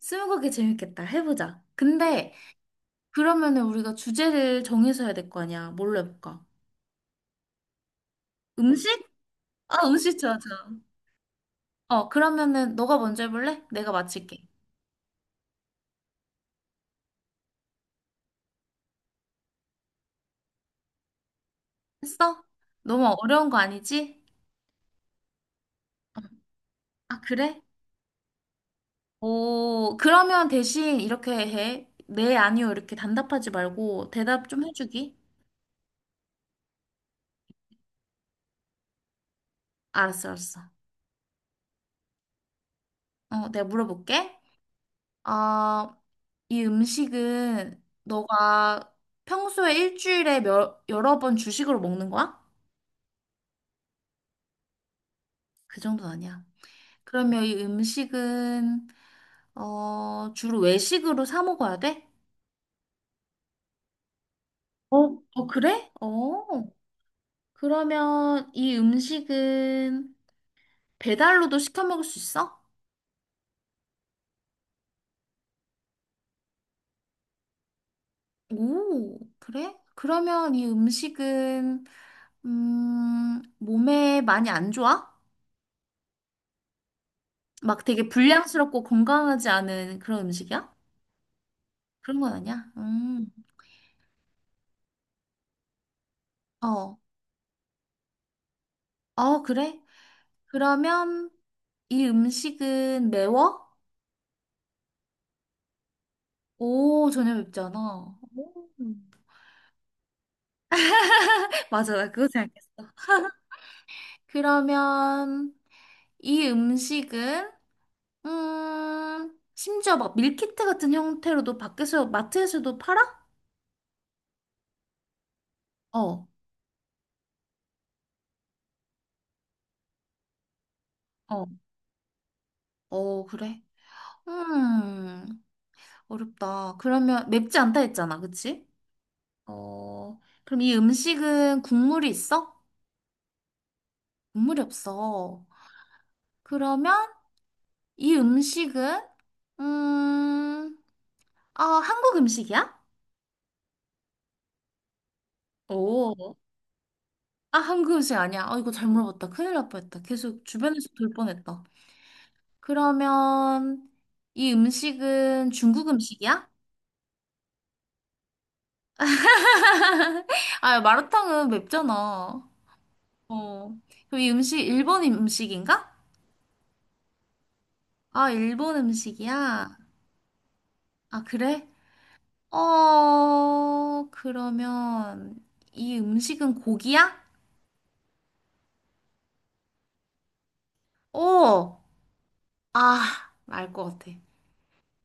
스무고개 재밌겠다. 해보자. 근데 그러면은 우리가 주제를 정해서 해야 될 거 아니야. 뭘로 해볼까? 음식? 아, 음식 좋아, 좋아. 그러면은 너가 먼저 해볼래? 내가 맞힐게. 했어? 너무 어려운 거 아니지? 어. 아, 그래? 오, 그러면 대신 이렇게 해. 네, 아니요. 이렇게 단답하지 말고 대답 좀 해주기. 알았어, 알았어. 내가 물어볼게. 어, 이 음식은 너가 평소에 일주일에 몇, 여러 번 주식으로 먹는 거야? 그 정도는 아니야. 그러면 이 음식은 주로 외식으로 사 먹어야 돼? 어, 어, 그래? 어. 그러면 이 음식은 배달로도 시켜 먹을 수 있어? 오, 그래? 그러면 이 음식은 몸에 많이 안 좋아? 막 되게 불량스럽고 건강하지 않은 그런 음식이야? 그런 건 아니야? 어. 어, 그래? 그러면 이 음식은 매워? 오, 전혀 맵지 않아. 오. 맞아, 나 그거 생각했어. 그러면 이 음식은, 심지어 막 밀키트 같은 형태로도 밖에서, 마트에서도 팔아? 어, 어, 어, 그래. 음, 어렵다. 그러면 맵지 않다 했잖아, 그치? 어, 그럼 이 음식은 국물이 있어? 국물이 없어. 그러면 이 음식은 음, 아, 한국 음식이야? 오. 아, 한국 음식 아니야. 아, 이거 잘 물어봤다. 큰일 날 뻔했다. 계속 주변에서 돌 뻔했다. 그러면 이 음식은 중국 음식이야? 아, 마라탕은 맵잖아. 어. 그럼 이 음식 일본 음식인가? 아, 일본 음식이야. 아, 그래? 그러면 이 음식은 고기야? 오. 아, 알 것 같아.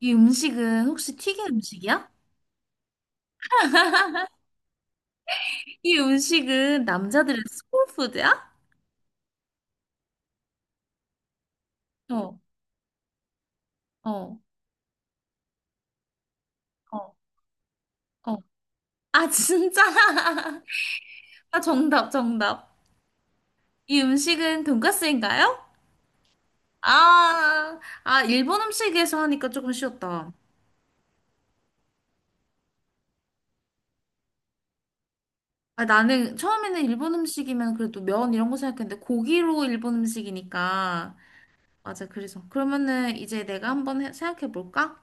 이 음식은 혹시 튀긴 음식이야? 이 음식은 남자들의 소울푸드야? 어, 어, 어, 어. 아, 진짜? 아, 정답, 정답. 이 음식은 돈까스인가요? 아, 아, 일본 음식에서 하니까 조금 쉬웠다. 아, 나는 처음에는 일본 음식이면 그래도 면 이런 거 생각했는데 고기로 일본 음식이니까. 맞아, 그래서. 그러면은 이제 내가 한번 생각해 볼까?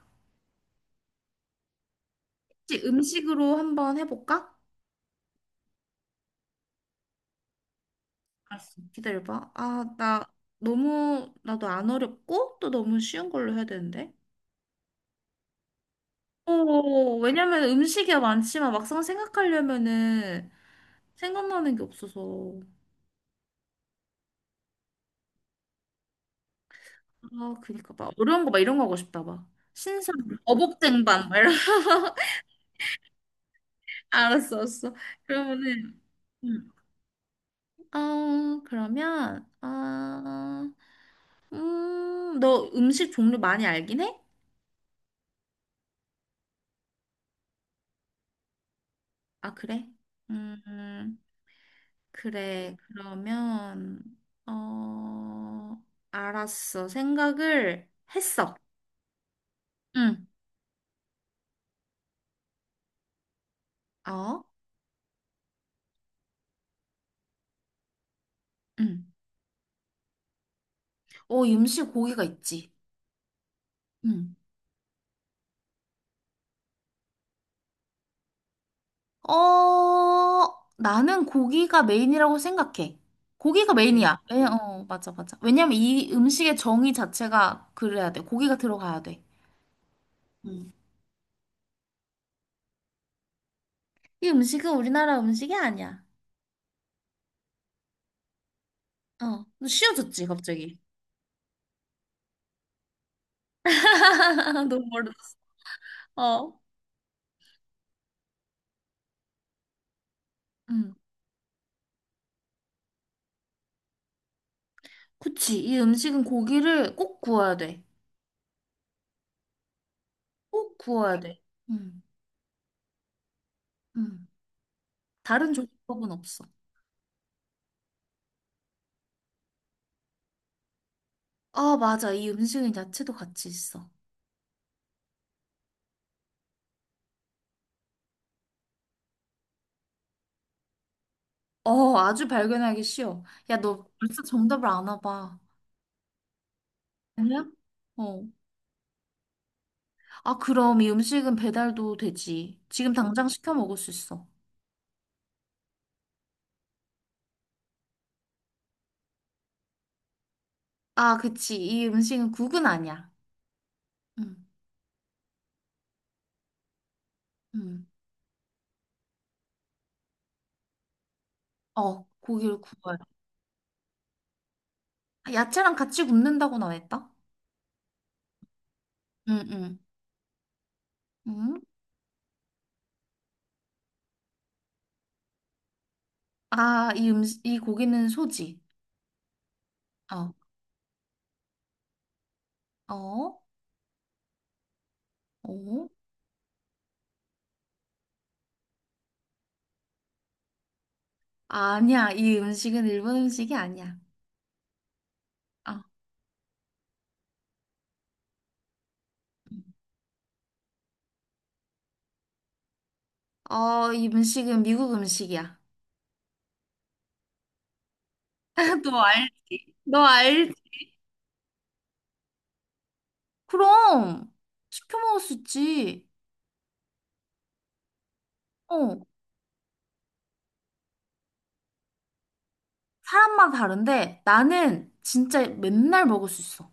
혹시 음식으로 한번 해볼까? 알았어. 기다려봐. 아, 나 너무, 나도 안 어렵고, 또 너무 쉬운 걸로 해야 되는데. 어, 왜냐면 음식이 많지만 막상 생각하려면은 생각나는 게 없어서. 아, 그니까 막 어려운 거 막 이런 거 하고 싶다, 막. 신선, 어복쟁반, 막 이런. 알았어, 알았어. 그러면은, 음. 어, 그러면, 아, 너 음식 종류 많이 알긴 해? 아, 그래? 음. 그래, 그러면, 어, 알았어. 생각을 했어. 응, 어, 응. 어, 임시 고기가 있지. 응. 어, 나는 고기가 메인이라고 생각해. 고기가 그래. 메인이야. 왜, 어, 맞아, 맞아. 왜냐면 이 음식의 정의 자체가 그래야 돼. 고기가 들어가야 돼. 응. 이 음식은 우리나라 음식이 아니야. 어, 너 쉬워졌지, 갑자기. 너무 멀었어. 어. 응. 그치. 이 음식은 고기를 꼭 구워야 돼. 꼭 구워야 돼. 응, 응. 다른 조리법은 없어. 아, 맞아. 이 음식은 야채도 같이 있어. 어, 아주 발견하기 쉬워. 야, 너 벌써 정답을 아나 봐. 아니야? 어. 아, 그럼 이 음식은 배달도 되지. 지금 당장 시켜 먹을 수 있어. 아, 그치. 이 음식은 국은 아니야. 응, 응. 고기를 구워야 아, 야채랑 같이 굽는다고나 했다? 응, 응. 응? 아, 이 음식, 이 고기는 소지. 어, 어, 어. 아니야, 이 음식은 일본 음식이 아니야. 어, 어, 이 음식은 미국 음식이야. 너 알지? 너 알지? 그럼 시켜 먹을 수 있지. 어, 사람마다 다른데 나는 진짜 맨날 먹을 수 있어.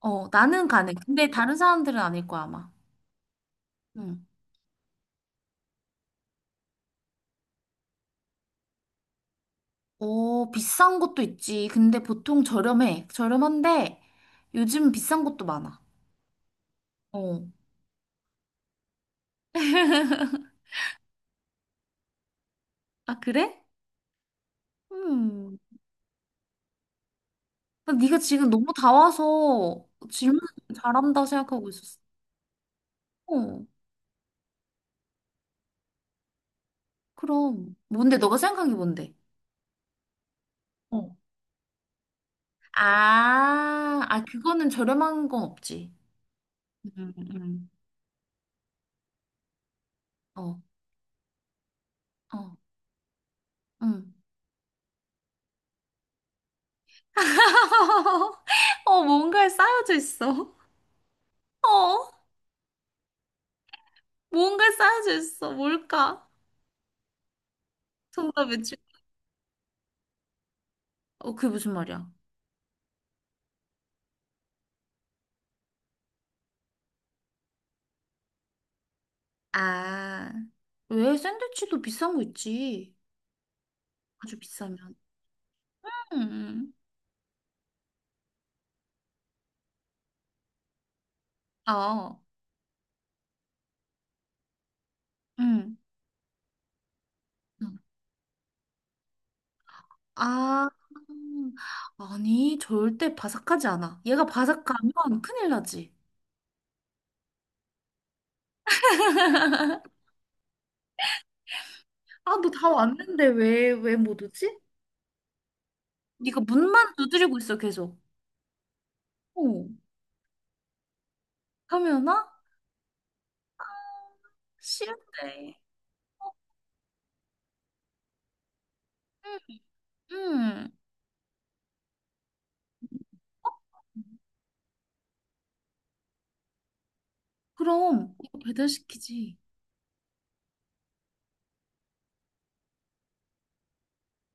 어, 나는 가능. 근데 다른 사람들은 아닐 거야, 아마. 응. 어, 비싼 것도 있지. 근데 보통 저렴해. 저렴한데 요즘 비싼 것도 많아. 어. 아, 그래? 음. 근데 네가 지금 너무 다 와서 질문 잘한다 생각하고 있었어. 어, 그럼. 뭔데? 너가 생각한 게 뭔데? 어. 아, 아, 그거는 저렴한 건 없지. 음, 음. 어, 어, 음. 어, 뭔가에 쌓여져 있어. 어, 뭔가에 쌓여져 있어. 뭘까? 정답 외치. 어, 그게 무슨 말이야? 아, 왜 샌드위치도 비싼 거 있지? 아주 비싸면. 음, 어, 음. 아, 아니, 절대 바삭하지 않아. 얘가 바삭하면 큰일 나지. 아, 너 다 왔는데 왜, 왜 못 오지? 네가 문만 두드리고 있어, 계속. 어, 하면아? 싫은데. 응, 응. 그럼, 이거 배달시키지.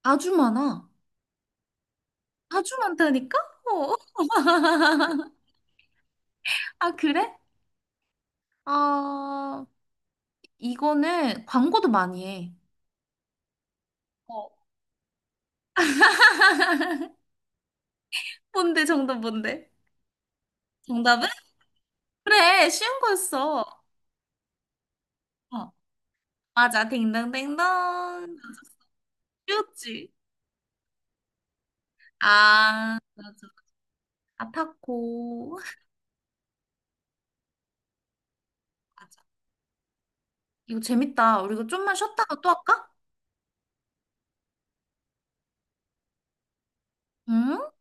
아주 많아. 아주 많다니까? 어. 아, 그래? 아, 이거는 광고도 많이 해. 어. 뭔데, 정답 뭔데? 정답은? 그래, 쉬운 거였어. 어, 맞아. 딩동댕동. 맞아. 쉬웠지. 아, 맞아. 아타코. 맞아. 이거 재밌다. 우리 이거 좀만 쉬었다가 또 할까? 응?